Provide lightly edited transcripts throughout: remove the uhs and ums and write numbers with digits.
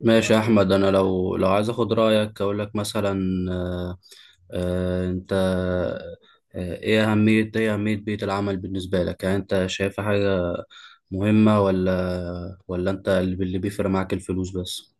ماشي يا احمد، انا لو عايز اخد رايك اقول لك مثلا. آه، انت، ايه اهميه بيئه العمل بالنسبه لك؟ يعني انت شايفها حاجه مهمه ولا انت اللي بيفرق معاك الفلوس بس؟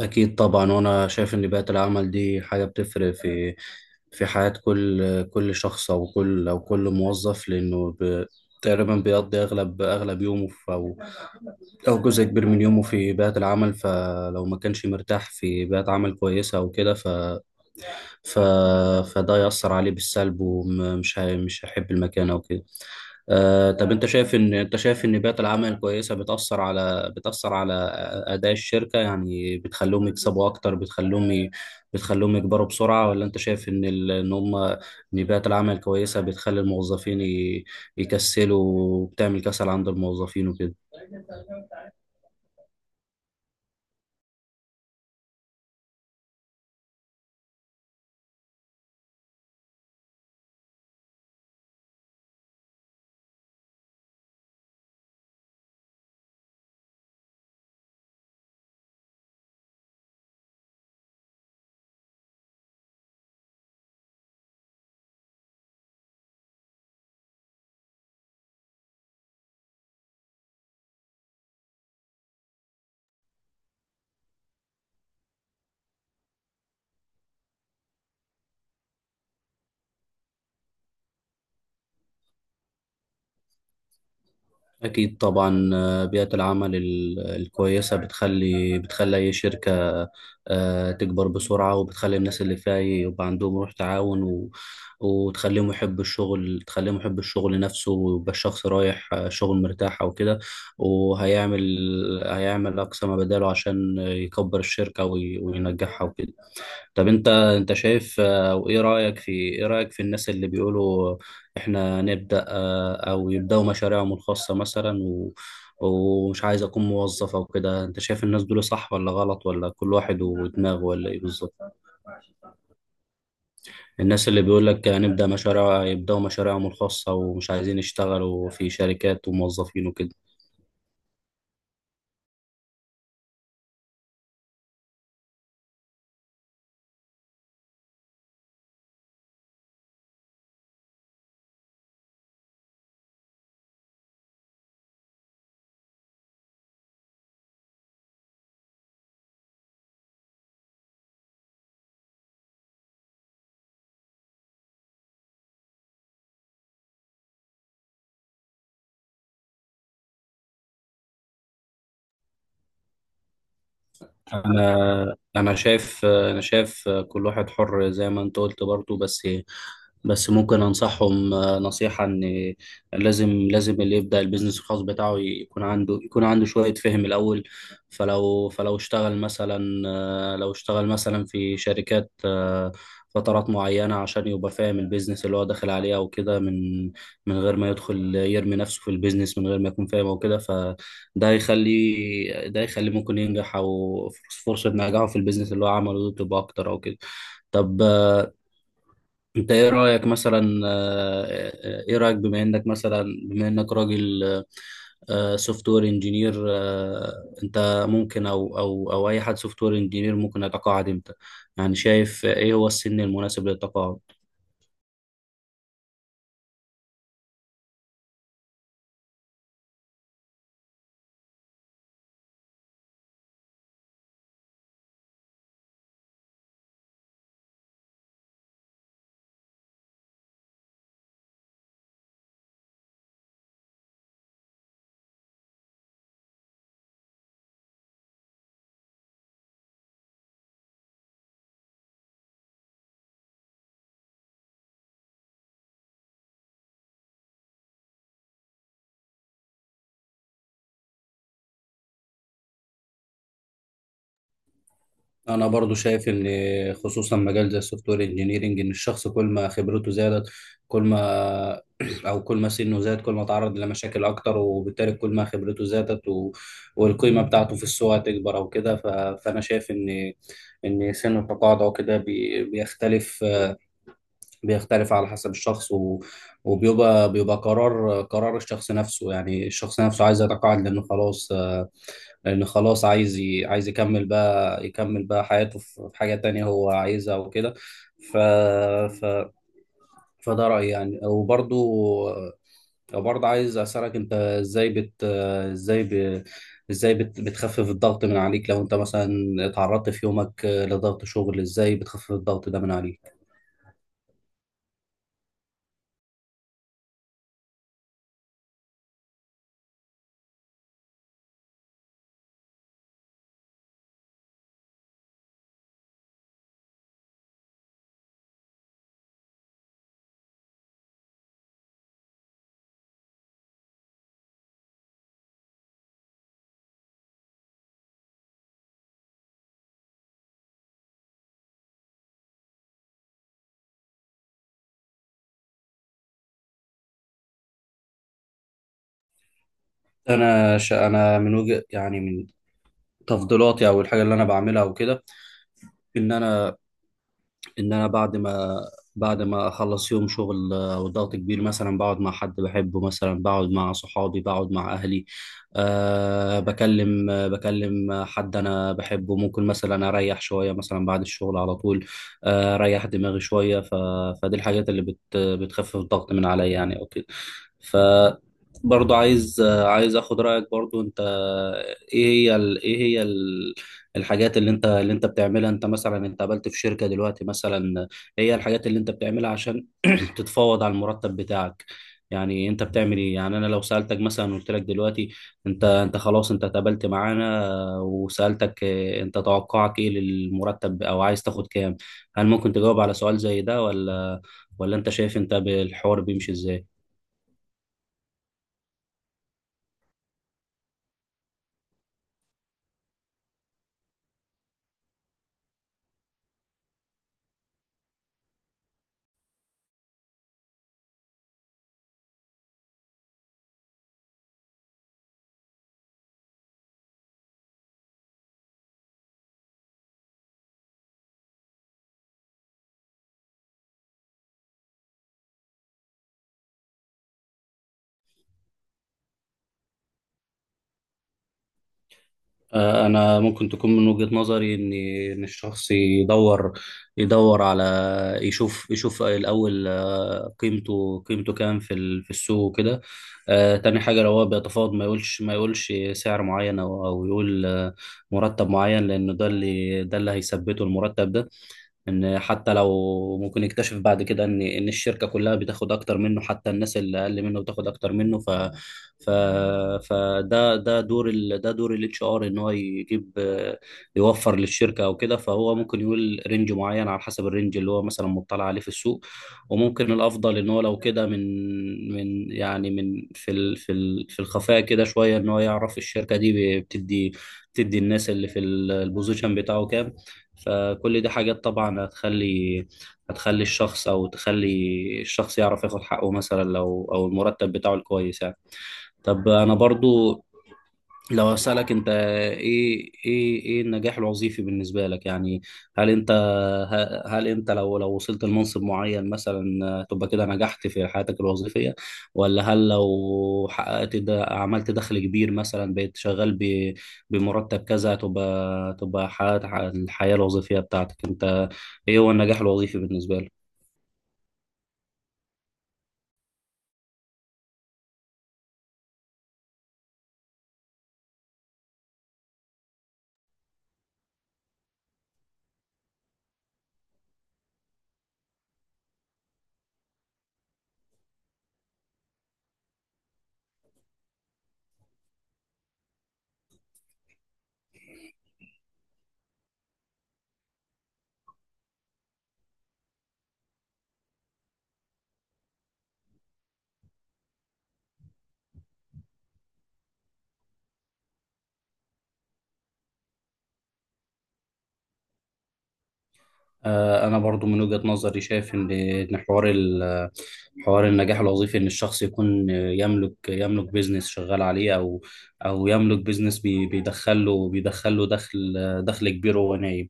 اكيد طبعا. وانا شايف ان بيئه العمل دي حاجه بتفرق في حياه كل شخص او كل موظف، لانه تقريبا بيقضي اغلب يومه، أو جزء كبير من يومه، في بيئة العمل. فلو ما كانش مرتاح في بيئة عمل كويسة أو كده، ف... فده يأثر عليه بالسلب، مش هيحب المكان أو كده. طب أنت شايف إن بيئة العمل الكويسة بتأثر على أداء الشركة؟ يعني بتخليهم يكسبوا أكتر، بتخليهم يكبروا بسرعة، ولا أنت شايف إن ال... إن هم إن بيئة العمل الكويسة بتخلي يكسلوا وبتعمل كسل عند الموظفين وكده؟ أكيد طبعا. بيئة العمل الكويسة بتخلي أي شركة تكبر بسرعة، وبتخلي الناس اللي فيها يبقى عندهم روح تعاون وتخليهم يحبوا الشغل تخليهم يحبوا الشغل نفسه، ويبقى الشخص رايح شغل مرتاح أو كده، وهيعمل أقصى ما بداله عشان يكبر الشركة وينجحها وكده. طب انت شايف، آه، او ايه رايك في الناس اللي بيقولوا احنا نبدا آه، او يبداوا مشاريعهم الخاصه مثلا ومش عايز اكون موظف او كده؟ انت شايف الناس دول صح ولا غلط، ولا كل واحد ودماغه، ولا ايه بالظبط؟ الناس اللي بيقول لك هنبدا مشاريع، يبداوا مشاريعهم الخاصه ومش عايزين يشتغلوا في شركات وموظفين وكده. انا شايف كل واحد حر زي ما انت قلت برضو، بس ممكن انصحهم نصيحة ان لازم اللي يبدأ البيزنس الخاص بتاعه يكون عنده شوية فهم الاول. فلو فلو اشتغل مثلا آه، لو اشتغل مثلا في شركات فترات معينة، عشان يبقى فاهم البيزنس اللي هو داخل عليه او كده، من غير ما يدخل يرمي نفسه في البيزنس من غير ما يكون فاهم او كده. ده يخليه ممكن ينجح، او فرصة نجاحه في البيزنس اللي هو عمله ده تبقى اكتر او كده. طب، انت ايه رأيك، بما انك راجل سوفت وير انجينير، انت ممكن او او او اي حد سوفت وير انجينير ممكن يتقاعد امتى؟ يعني شايف ايه هو السن المناسب للتقاعد؟ انا برضو شايف ان، خصوصا مجال زي السوفت وير انجينيرنج، ان الشخص كل ما خبرته زادت كل ما او كل ما سنه زاد، كل ما تعرض لمشاكل اكتر، وبالتالي كل ما خبرته زادت والقيمه بتاعته في السوق هتكبر او كده. فانا شايف ان سن التقاعد او كده بيختلف على حسب الشخص، وبيبقى قرار الشخص نفسه. يعني الشخص نفسه عايز يتقاعد لأنه خلاص عايز عايز يكمل بقى حياته في حاجة تانية هو عايزها وكده. ف... فده رأيي يعني. وبرضه عايز أسألك أنت، إزاي بت آه، إزاي ب... إزاي بت... بتخفف الضغط من عليك لو أنت مثلا اتعرضت في يومك لضغط شغل؟ إزاي بتخفف الضغط ده من عليك؟ أنا من وجه يعني من تفضيلاتي أو الحاجة اللي أنا بعملها وكده، إن أنا ان انا بعد ما اخلص يوم شغل وضغط كبير، مثلا بقعد مع حد بحبه، مثلا بقعد مع صحابي، بقعد مع اهلي. بكلم حد انا بحبه. ممكن مثلا اريح شويه مثلا بعد الشغل على طول، اريح دماغي شويه. فدي الحاجات اللي بتخفف الضغط من عليا يعني او كده. ف برضو عايز عايز اخد رايك برضو انت، ايه هي الحاجات اللي انت بتعملها. انت قابلت في شركة دلوقتي مثلا، هي الحاجات اللي انت بتعملها عشان تتفاوض على المرتب بتاعك. يعني انت بتعمل ايه؟ يعني انا لو سألتك مثلا، قلت لك دلوقتي، انت خلاص انت اتقابلت معانا، وسألتك انت توقعك ايه للمرتب، او عايز تاخد كام. هل ممكن تجاوب على سؤال زي ده، ولا انت شايف انت بالحوار بيمشي ازاي؟ أنا ممكن تكون من وجهة نظري إن الشخص يدور يدور على يشوف الأول قيمته كام في السوق وكده. تاني حاجة، لو هو بيتفاوض ما يقولش سعر معين، أو يقول مرتب معين، لأنه ده اللي هيثبته المرتب ده. ان حتى لو ممكن يكتشف بعد كده ان الشركه كلها بتاخد اكتر منه، حتى الناس اللي اقل منه بتاخد اكتر منه. ف ف فده ده دور ال... ده دور الاتش ار، ان هو يجيب آه، يوفر للشركه او كده. فهو ممكن يقول رينج معين على حسب الرينج اللي هو مثلا مطلع عليه في السوق. وممكن الافضل ان هو لو كده من في الخفاء كده شويه، ان هو يعرف الشركه دي بتدي الناس اللي في البوزيشن بتاعه كام. فكل دي حاجات طبعا، هتخلي هتخلي الشخص او تخلي الشخص يعرف ياخد حقه، مثلا لو او المرتب بتاعه الكويس يعني. طب انا برضو لو أسألك أنت، إيه النجاح الوظيفي بالنسبة لك يعني؟ هل أنت هل أنت لو وصلت لمنصب معين مثلا تبقى كده نجحت في حياتك الوظيفية؟ ولا هل لو حققت ده، عملت دخل كبير مثلا، بقيت شغال بمرتب كذا، تبقى حققت الحياة الوظيفية بتاعتك أنت؟ إيه هو النجاح الوظيفي بالنسبة لك؟ انا برضو من وجهة نظري شايف ان حوار النجاح الوظيفي ان الشخص يكون يملك بيزنس شغال عليه، او يملك بيزنس بيدخله دخل كبير وهو نايم.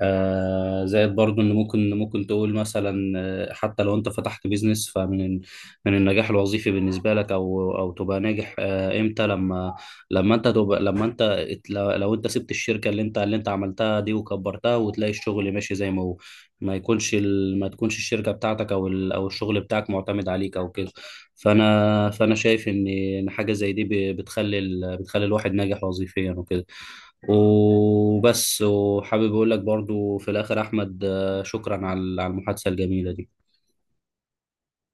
زائد برضو، ان ممكن تقول مثلا حتى لو انت فتحت بيزنس، فمن النجاح الوظيفي بالنسبه لك، او تبقى ناجح امتى؟ لما لما انت تبقى لما انت لو انت سبت الشركه اللي انت عملتها دي وكبرتها، وتلاقي الشغل ماشي زي ما هو، ما يكونش ال... ما تكونش الشركه بتاعتك او الشغل بتاعك معتمد عليك او كده. فانا شايف ان حاجه زي دي بتخلي الواحد ناجح وظيفيا وكده. وبس. وحابب اقول لك برضو في الاخر، احمد، شكرا على المحادثه الجميله دي.